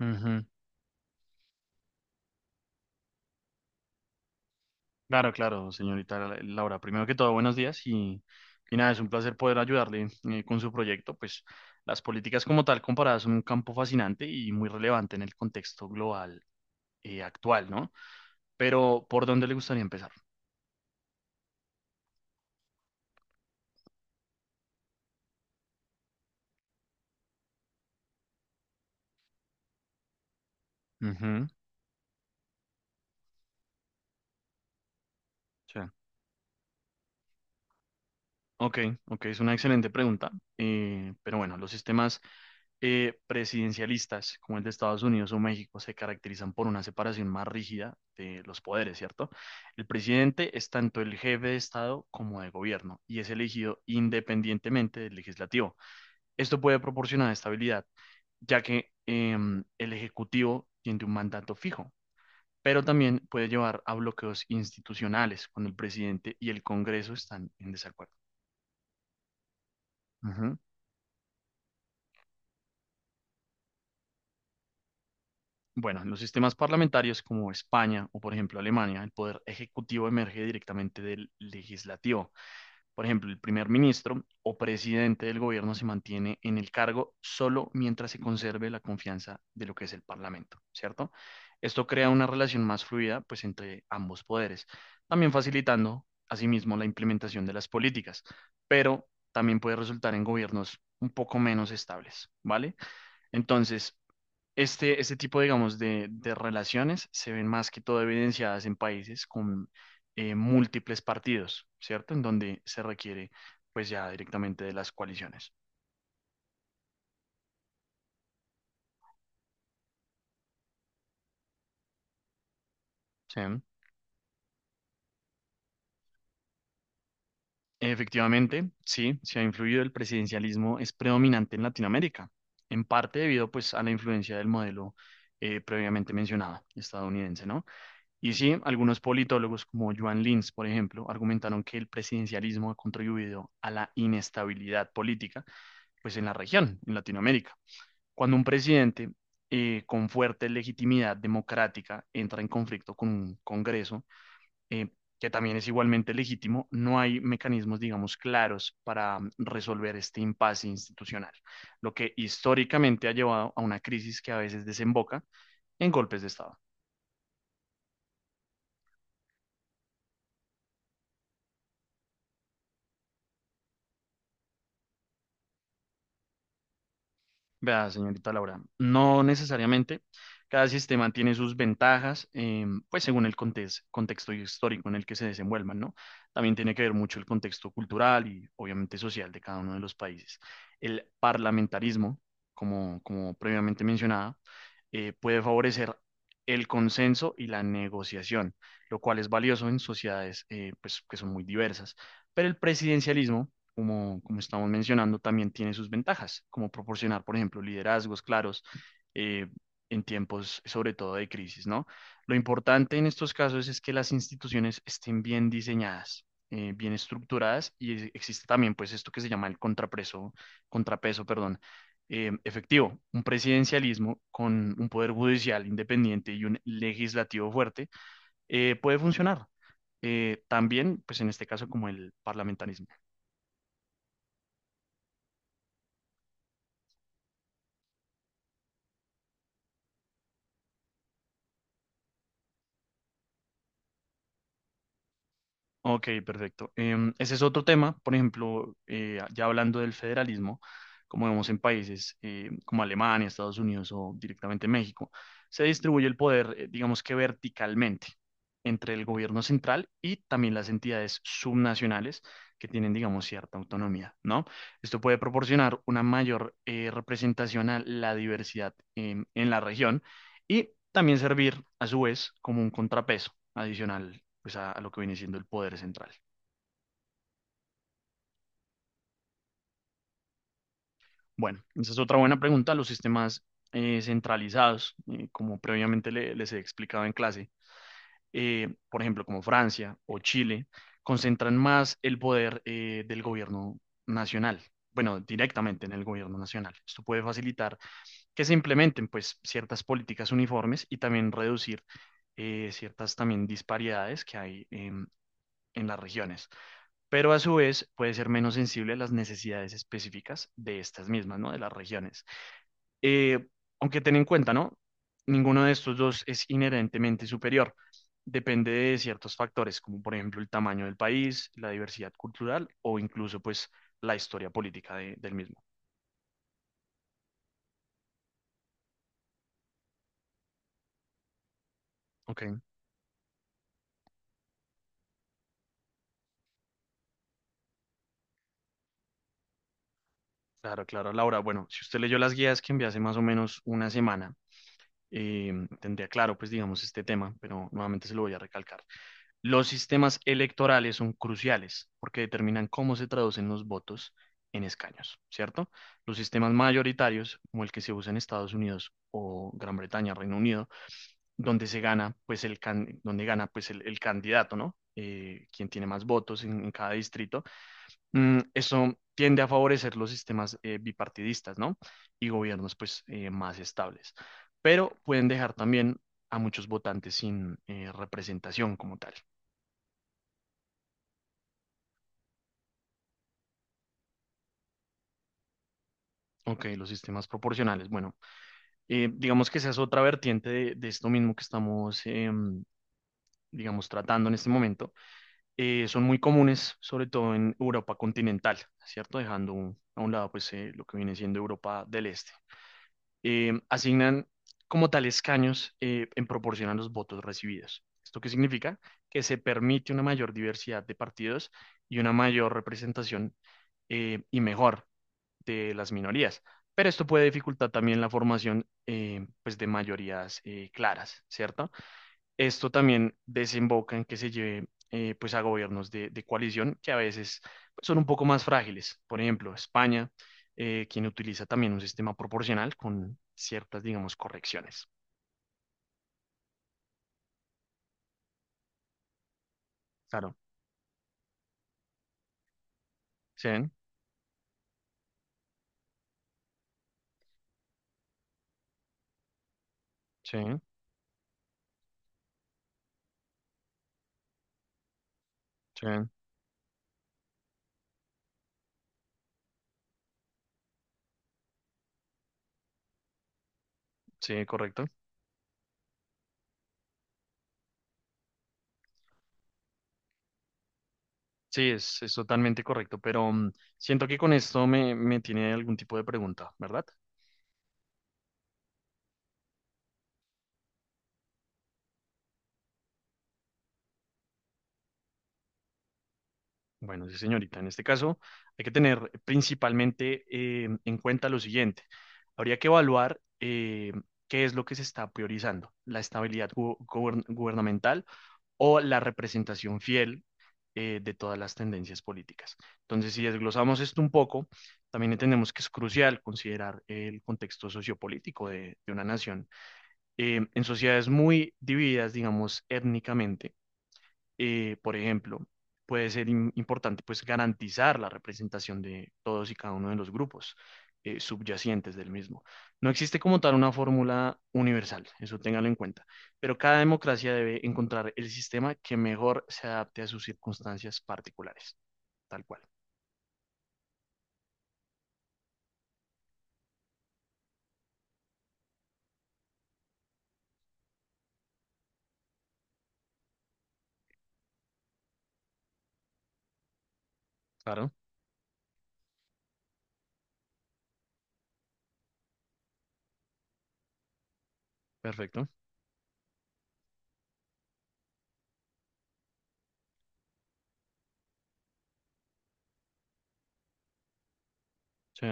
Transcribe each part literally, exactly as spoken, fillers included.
Ujú. Claro, claro, señorita Laura. Primero que todo, buenos días y, y nada, es un placer poder ayudarle eh, con su proyecto. Pues las políticas como tal comparadas son un campo fascinante y muy relevante en el contexto global eh, actual, ¿no? Pero, ¿por dónde le gustaría empezar? Ujú, sí. Ok, ok, es una excelente pregunta. Eh, pero bueno, los sistemas eh, presidencialistas, como el de Estados Unidos o México, se caracterizan por una separación más rígida de los poderes, ¿cierto? El presidente es tanto el jefe de Estado como de gobierno y es elegido independientemente del legislativo. Esto puede proporcionar estabilidad, ya que em, el ejecutivo tiene un mandato fijo, pero también puede llevar a bloqueos institucionales cuando el presidente y el Congreso están en desacuerdo. Ujú. Bueno, en los sistemas parlamentarios como España o, por ejemplo, Alemania, el poder ejecutivo emerge directamente del legislativo. Por ejemplo, el primer ministro o presidente del gobierno se mantiene en el cargo solo mientras se conserve la confianza de lo que es el parlamento, ¿cierto? Esto crea una relación más fluida, pues, entre ambos poderes, también facilitando, asimismo, la implementación de las políticas, pero también puede resultar en gobiernos un poco menos estables, ¿vale? Entonces, este, este tipo, digamos, de, de relaciones se ven más que todo evidenciadas en países con eh, múltiples partidos, ¿cierto? En donde se requiere, pues ya directamente de las coaliciones. ¿Sí? Efectivamente, sí, se ha influido el presidencialismo, es predominante en Latinoamérica, en parte debido, pues, a la influencia del modelo eh, previamente mencionado, estadounidense, ¿no? Y sí, algunos politólogos como Joan Lins, por ejemplo, argumentaron que el presidencialismo ha contribuido a la inestabilidad política pues en la región, en Latinoamérica. Cuando un presidente eh, con fuerte legitimidad democrática entra en conflicto con un Congreso, eh, que también es igualmente legítimo, no hay mecanismos, digamos, claros para mm, resolver este impasse institucional, lo que históricamente ha llevado a una crisis que a veces desemboca en golpes de Estado. Vea, señorita Laura, no necesariamente. Cada sistema tiene sus ventajas, eh, pues según el contes- contexto histórico en el que se desenvuelvan, ¿no? También tiene que ver mucho el contexto cultural y obviamente social de cada uno de los países. El parlamentarismo, como, como previamente mencionaba, eh, puede favorecer el consenso y la negociación, lo cual es valioso en sociedades eh, pues, que son muy diversas. Pero el presidencialismo como, como estamos mencionando, también tiene sus ventajas, como proporcionar, por ejemplo, liderazgos claros eh, en tiempos, sobre todo, de crisis, ¿no? Lo importante en estos casos es que las instituciones estén bien diseñadas, eh, bien estructuradas y e- existe también, pues, esto que se llama el contrapeso, contrapeso, perdón, eh, efectivo, un presidencialismo con un poder judicial independiente y un legislativo fuerte eh, puede funcionar. Eh, también, pues en este caso, como el parlamentarismo. Ok, perfecto. Em, ese es otro tema, por ejemplo, eh, ya hablando del federalismo, como vemos en países eh, como Alemania, Estados Unidos o directamente México, se distribuye el poder, eh, digamos que verticalmente, entre el gobierno central y también las entidades subnacionales que tienen, digamos, cierta autonomía, ¿no? Esto puede proporcionar una mayor eh, representación a la diversidad em, en la región y también servir, a su vez, como un contrapeso adicional pues a, a lo que viene siendo el poder central. Bueno, esa es otra buena pregunta. Los sistemas eh, centralizados, eh, como previamente le- les he explicado en clase, eh, por ejemplo, como Francia o Chile, concentran más el poder eh, del gobierno nacional. Bueno, directamente en el gobierno nacional. Esto puede facilitar que se implementen pues ciertas políticas uniformes y también reducir eh, ciertas también disparidades que hay em, en las regiones. Pero a su vez puede ser menos sensible a las necesidades específicas de estas mismas, ¿no? De las regiones. Eh, Aunque ten en cuenta, ¿no? Ninguno de estos dos es inherentemente superior. Depende de ciertos factores, como por ejemplo el tamaño del país, la diversidad cultural o incluso pues la historia política de- del mismo. Ok, claro, claro, Laura. Bueno, si usted leyó las guías que envié hace más o menos una semana, eh, tendría claro pues digamos este tema, pero nuevamente se lo voy a recalcar. Los sistemas electorales son cruciales porque determinan cómo se traducen los votos en escaños, ¿cierto? Los sistemas mayoritarios, como el que se usa en Estados Unidos o Gran Bretaña, Reino Unido, donde se gana, pues el can- donde gana, pues el, el candidato, ¿no? Eh, quien tiene más votos en, en cada distrito. Mm, eso tiende a favorecer los sistemas eh, bipartidistas, ¿no? Y gobiernos, pues, eh, más estables. Pero pueden dejar también a muchos votantes sin eh, representación como tal. Ok, los sistemas proporcionales. Bueno, eh, digamos que esa es otra vertiente de, de esto mismo que estamos, em, digamos, tratando en este momento. Eh, son muy comunes, sobre todo en Europa continental, ¿cierto? Dejando un- a un lado, pues, eh, lo que viene siendo Europa del Este. Em, asignan como tal escaños eh, en proporción a los votos recibidos. ¿Esto qué significa? Que se permite una mayor diversidad de partidos y una mayor representación eh, y mejor de las minorías. Pero esto puede dificultar también la formación eh, pues de mayorías eh, claras, ¿cierto? Esto también desemboca en que se lleve eh, pues a gobiernos de, de coalición que a veces pues, son un poco más frágiles. Por ejemplo, España, eh, quien utiliza también un sistema proporcional con ciertas, digamos, correcciones. Claro. Sí, sí, sí, sí, correcto. Sí, es, es totalmente correcto, pero mm, siento que con esto me, me tiene algún tipo de pregunta, ¿verdad? Bueno, sí, señorita, en este caso hay que tener principalmente eh, en cuenta lo siguiente. Habría que evaluar eh, qué es lo que se está priorizando, la estabilidad gu- gubern- gubernamental o la representación fiel eh, de todas las tendencias políticas. Entonces, si desglosamos esto un poco, también entendemos que es crucial considerar el contexto sociopolítico de, de una nación. Eh, en sociedades muy divididas, digamos, étnicamente, eh, por ejemplo, puede ser im- importante pues garantizar la representación de todos y cada uno de los grupos eh, subyacentes del mismo. No existe como tal una fórmula universal, eso téngalo en cuenta, pero cada democracia debe encontrar el sistema que mejor se adapte a sus circunstancias particulares, tal cual. Claro, perfecto. Sí.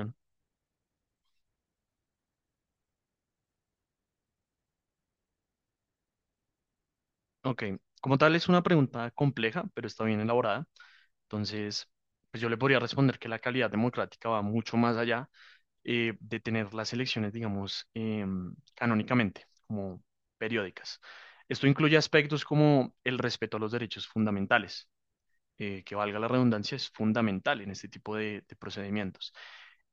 Ok, como tal es una pregunta compleja, pero está bien elaborada, entonces pues yo le podría responder que la calidad democrática va mucho más allá eh, de tener las elecciones, digamos, em, canónicamente, como periódicas. Esto incluye aspectos como el respeto a los derechos fundamentales, eh, que valga la redundancia, es fundamental en este tipo de, de procedimientos.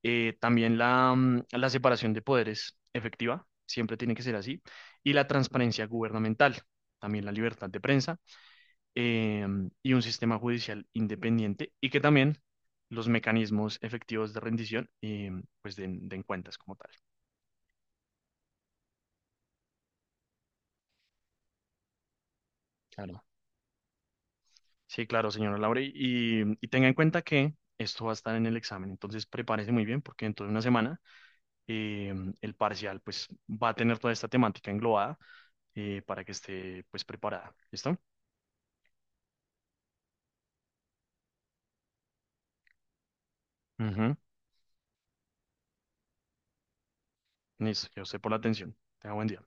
Eh, también la, mm, la separación de poderes efectiva, siempre tiene que ser así, y la transparencia gubernamental. También la libertad de prensa em, y un sistema judicial independiente y que también los mecanismos efectivos de rendición y pues den, den cuentas como tal. Claro. Sí, claro, señora Laura. Y, y tenga en cuenta que esto va a estar en el examen, entonces prepárese muy bien porque dentro de una semana eh, el parcial pues va a tener toda esta temática englobada eh, para que esté pues preparada. ¿Listo? Ujú. Listo, yo sé por la atención. Tenga buen día.